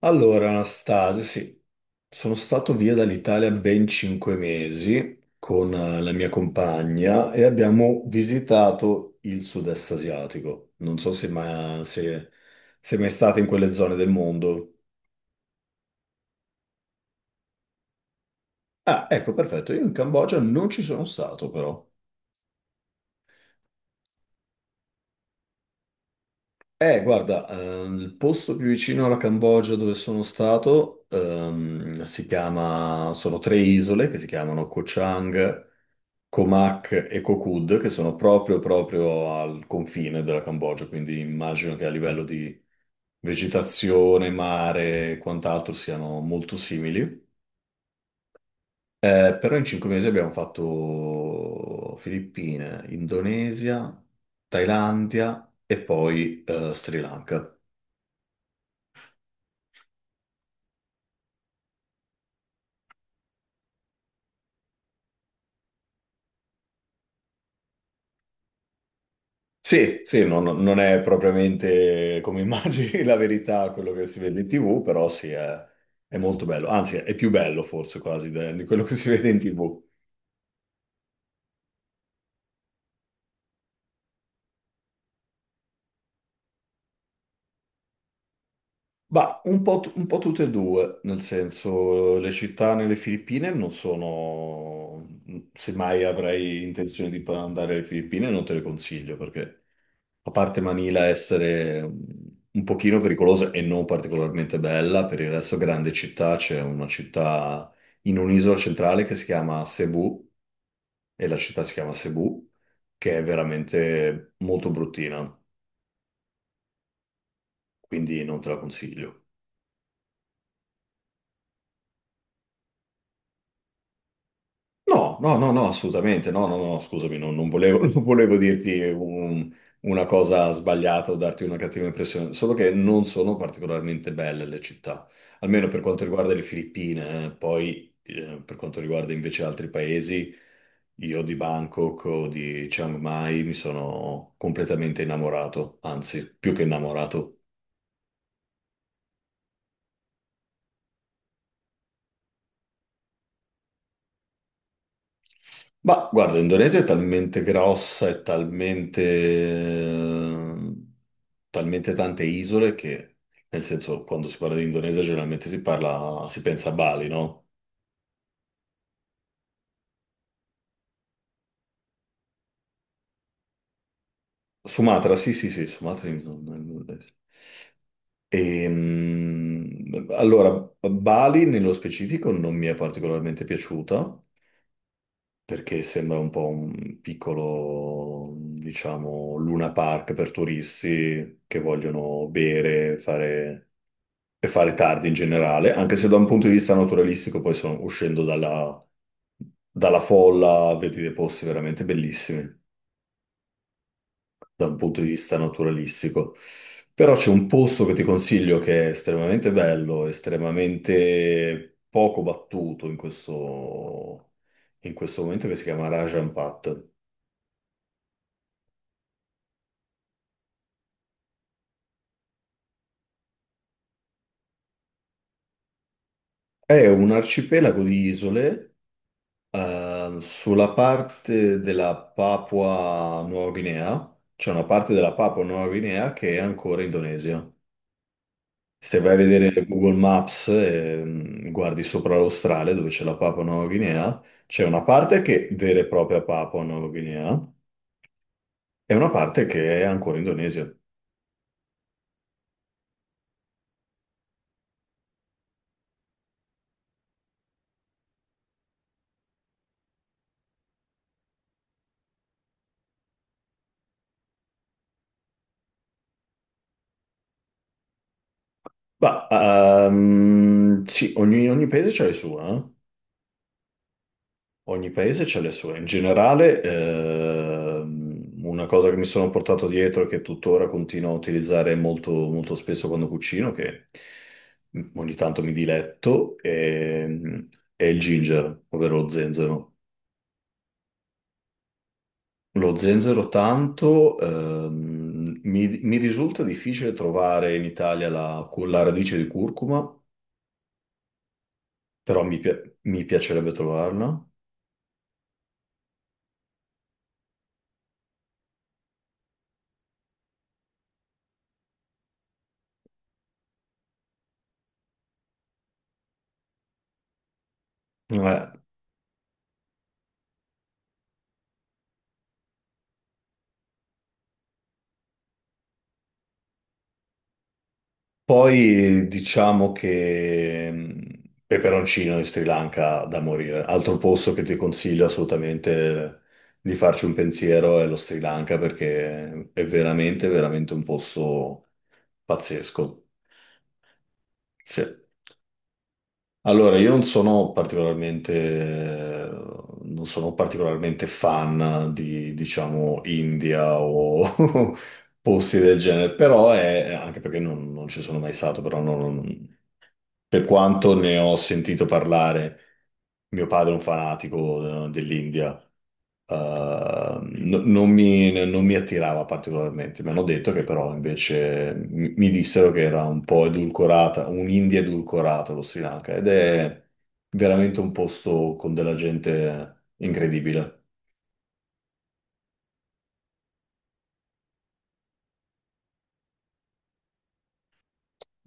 Allora, Anastasia, sì, sono stato via dall'Italia ben 5 mesi con la mia compagna e abbiamo visitato il sud-est asiatico. Non so se, ma, se sei mai stata in quelle zone del mondo. Ah, ecco, perfetto, io in Cambogia non ci sono stato però. Guarda, il posto più vicino alla Cambogia dove sono stato si chiama, sono tre isole che si chiamano Koh Chang. Comac e Kokud, che sono proprio, proprio al confine della Cambogia, quindi immagino che a livello di vegetazione, mare e quant'altro siano molto simili. Però in 5 mesi abbiamo fatto Filippine, Indonesia, Thailandia e poi Sri Lanka. Sì, sì, non è propriamente come immagini la verità quello che si vede in TV, però sì, è molto bello, anzi è più bello forse quasi di quello che si vede in TV. Ma un po', un po' tutte e due, nel senso le città nelle Filippine non sono, se mai avrei intenzione di andare alle Filippine non te le consiglio perché a parte Manila essere un pochino pericolosa e non particolarmente bella, per il resto grande città, c'è una città in un'isola centrale che si chiama Cebu, e la città si chiama Cebu, che è veramente molto bruttina, quindi non te la consiglio. No, no, no, no, assolutamente, no, no, no, scusami, non volevo, non volevo dirti una cosa sbagliata o darti una cattiva impressione, solo che non sono particolarmente belle le città, almeno per quanto riguarda le Filippine, eh. Poi per quanto riguarda invece altri paesi, io di Bangkok o di Chiang Mai mi sono completamente innamorato, anzi, più che innamorato. Ma guarda, l'Indonesia è talmente grossa e talmente, talmente tante isole che, nel senso, quando si parla di Indonesia generalmente si parla, si pensa a Bali, no? Sumatra, sì, sì, sì, Sumatra è in Indonesia. Allora, Bali nello specifico non mi è particolarmente piaciuta perché sembra un po' un piccolo, diciamo, Luna Park per turisti che vogliono bere, fare e fare tardi in generale, anche se da un punto di vista naturalistico poi sono uscendo dalla folla, vedi dei posti veramente bellissimi da un punto di vista naturalistico. Però c'è un posto che ti consiglio che è estremamente bello, estremamente poco battuto in questo momento, che si chiama Rajan Pat. È un arcipelago di isole. Sulla parte della Papua Nuova Guinea, c'è una parte della Papua Nuova Guinea che è ancora Indonesia. Se vai a vedere Google Maps e guardi sopra l'Australia dove c'è la Papua Nuova Guinea, c'è una parte che è vera e propria Papua Nuova Guinea e una parte che è ancora Indonesia. Ma sì, ogni paese c'ha il suo, eh? Ogni paese ha le sue. In generale, una cosa che mi sono portato dietro e che tuttora continuo a utilizzare molto, molto spesso quando cucino, che ogni tanto mi diletto, è il ginger, ovvero lo zenzero. Lo zenzero tanto, mi risulta difficile trovare in Italia la radice di curcuma, però mi piacerebbe trovarla. Eh, Poi diciamo che peperoncino in Sri Lanka da morire. Altro posto che ti consiglio assolutamente di farci un pensiero è lo Sri Lanka perché è veramente, veramente un posto pazzesco. Sì. Allora, io non sono particolarmente fan di, diciamo, India o posti del genere, però è, anche perché non ci sono mai stato, però non, per quanto ne ho sentito parlare, mio padre è un fanatico dell'India, non mi attirava particolarmente. Mi hanno detto che però invece mi dissero che era un po' edulcorata, un'India edulcorata lo Sri Lanka ed è veramente un posto con della gente incredibile.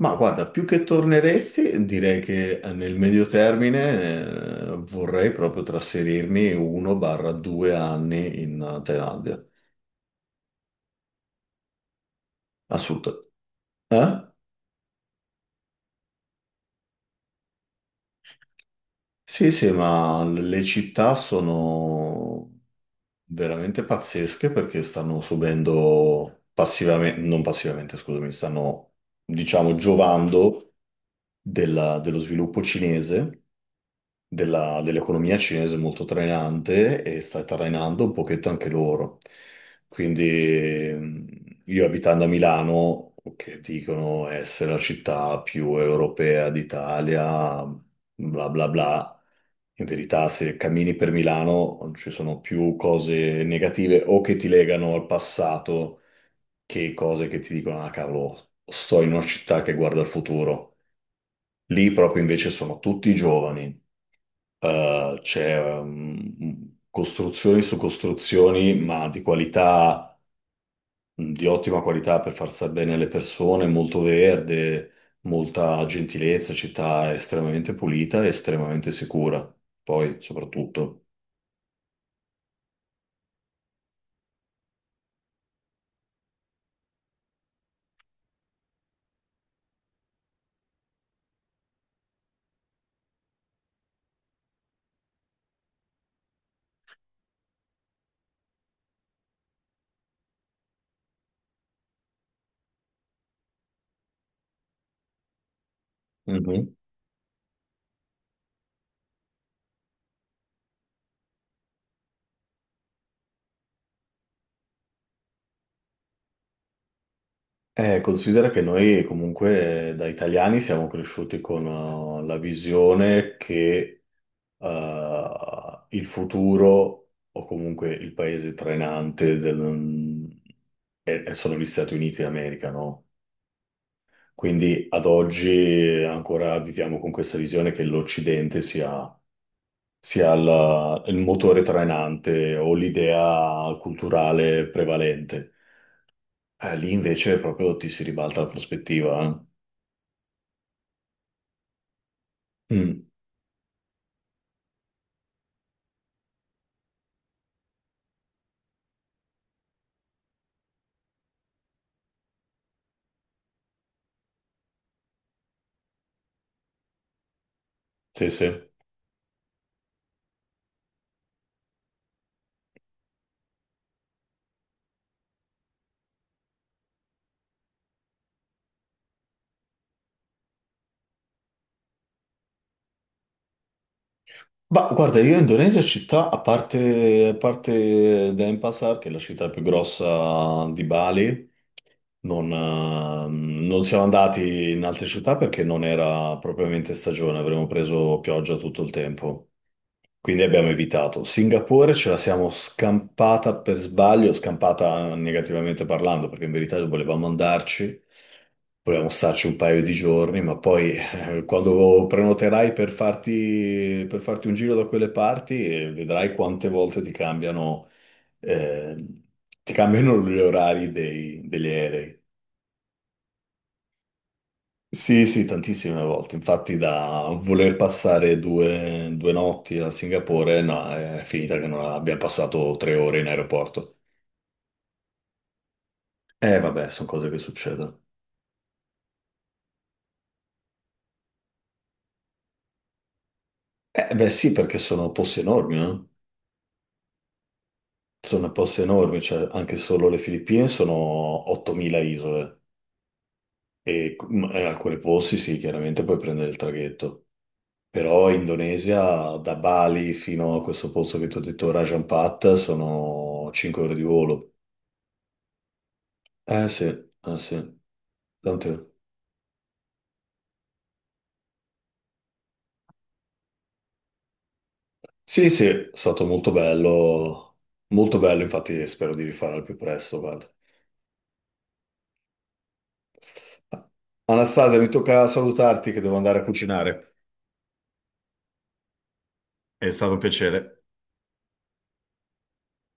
Ma guarda, più che torneresti, direi che nel medio termine, vorrei proprio trasferirmi 1 barra due anni in Thailandia. Assolutamente. Eh? Sì, sì, ma le città sono veramente pazzesche perché stanno subendo passivamente, non passivamente, scusami, stanno, diciamo, giovando dello sviluppo cinese dell'economia cinese molto trainante e sta trainando un pochetto anche loro. Quindi ehm, io abitando a Milano, che dicono essere la città più europea d'Italia, bla bla bla. In verità, se cammini per Milano ci sono più cose negative o che ti legano al passato che cose che ti dicono, ah cavolo, sto in una città che guarda al futuro. Lì proprio invece sono tutti giovani, c'è costruzioni su costruzioni, ma di qualità, di ottima qualità per far stare bene le persone, molto verde, molta gentilezza, città estremamente pulita e estremamente sicura, poi soprattutto. Mhm. Considera che noi comunque da italiani siamo cresciuti con la visione che il futuro o comunque il paese trainante e sono gli Stati Uniti d'America, no? Quindi ad oggi ancora viviamo con questa visione che l'Occidente sia il motore trainante o l'idea culturale prevalente. Lì invece proprio ti si ribalta la prospettiva. Eh. Mm, sì, sì. Ma guarda, io in Indonesia città, a parte Denpasar, che è la città più grossa di Bali, non siamo andati in altre città perché non era propriamente stagione, avremmo preso pioggia tutto il tempo. Quindi abbiamo evitato. Singapore ce la siamo scampata per sbaglio, scampata negativamente parlando, perché in verità volevamo andarci, volevamo starci un paio di giorni, ma poi quando prenoterai per farti, un giro da quelle parti, vedrai quante volte eh, ti cambiano gli orari degli aerei. Sì, sì, tantissime volte. Infatti, da voler passare due notti a Singapore, no, è finita che non abbia passato 3 ore in aeroporto. Vabbè, sono cose che succedono. Beh, sì, perché sono posti enormi, eh. Sono posti enormi, cioè anche solo le Filippine sono 8.000 isole e in alcuni posti sì, chiaramente puoi prendere il traghetto. Però Indonesia, da Bali fino a questo posto che ti ho detto, Rajan Pat, sono 5 ore di volo. Eh sì, eh sì. Dante. Sì, sì, è stato molto bello, infatti spero di rifarlo al più presto, guarda. Anastasia, mi tocca salutarti che devo andare a cucinare. È stato un piacere.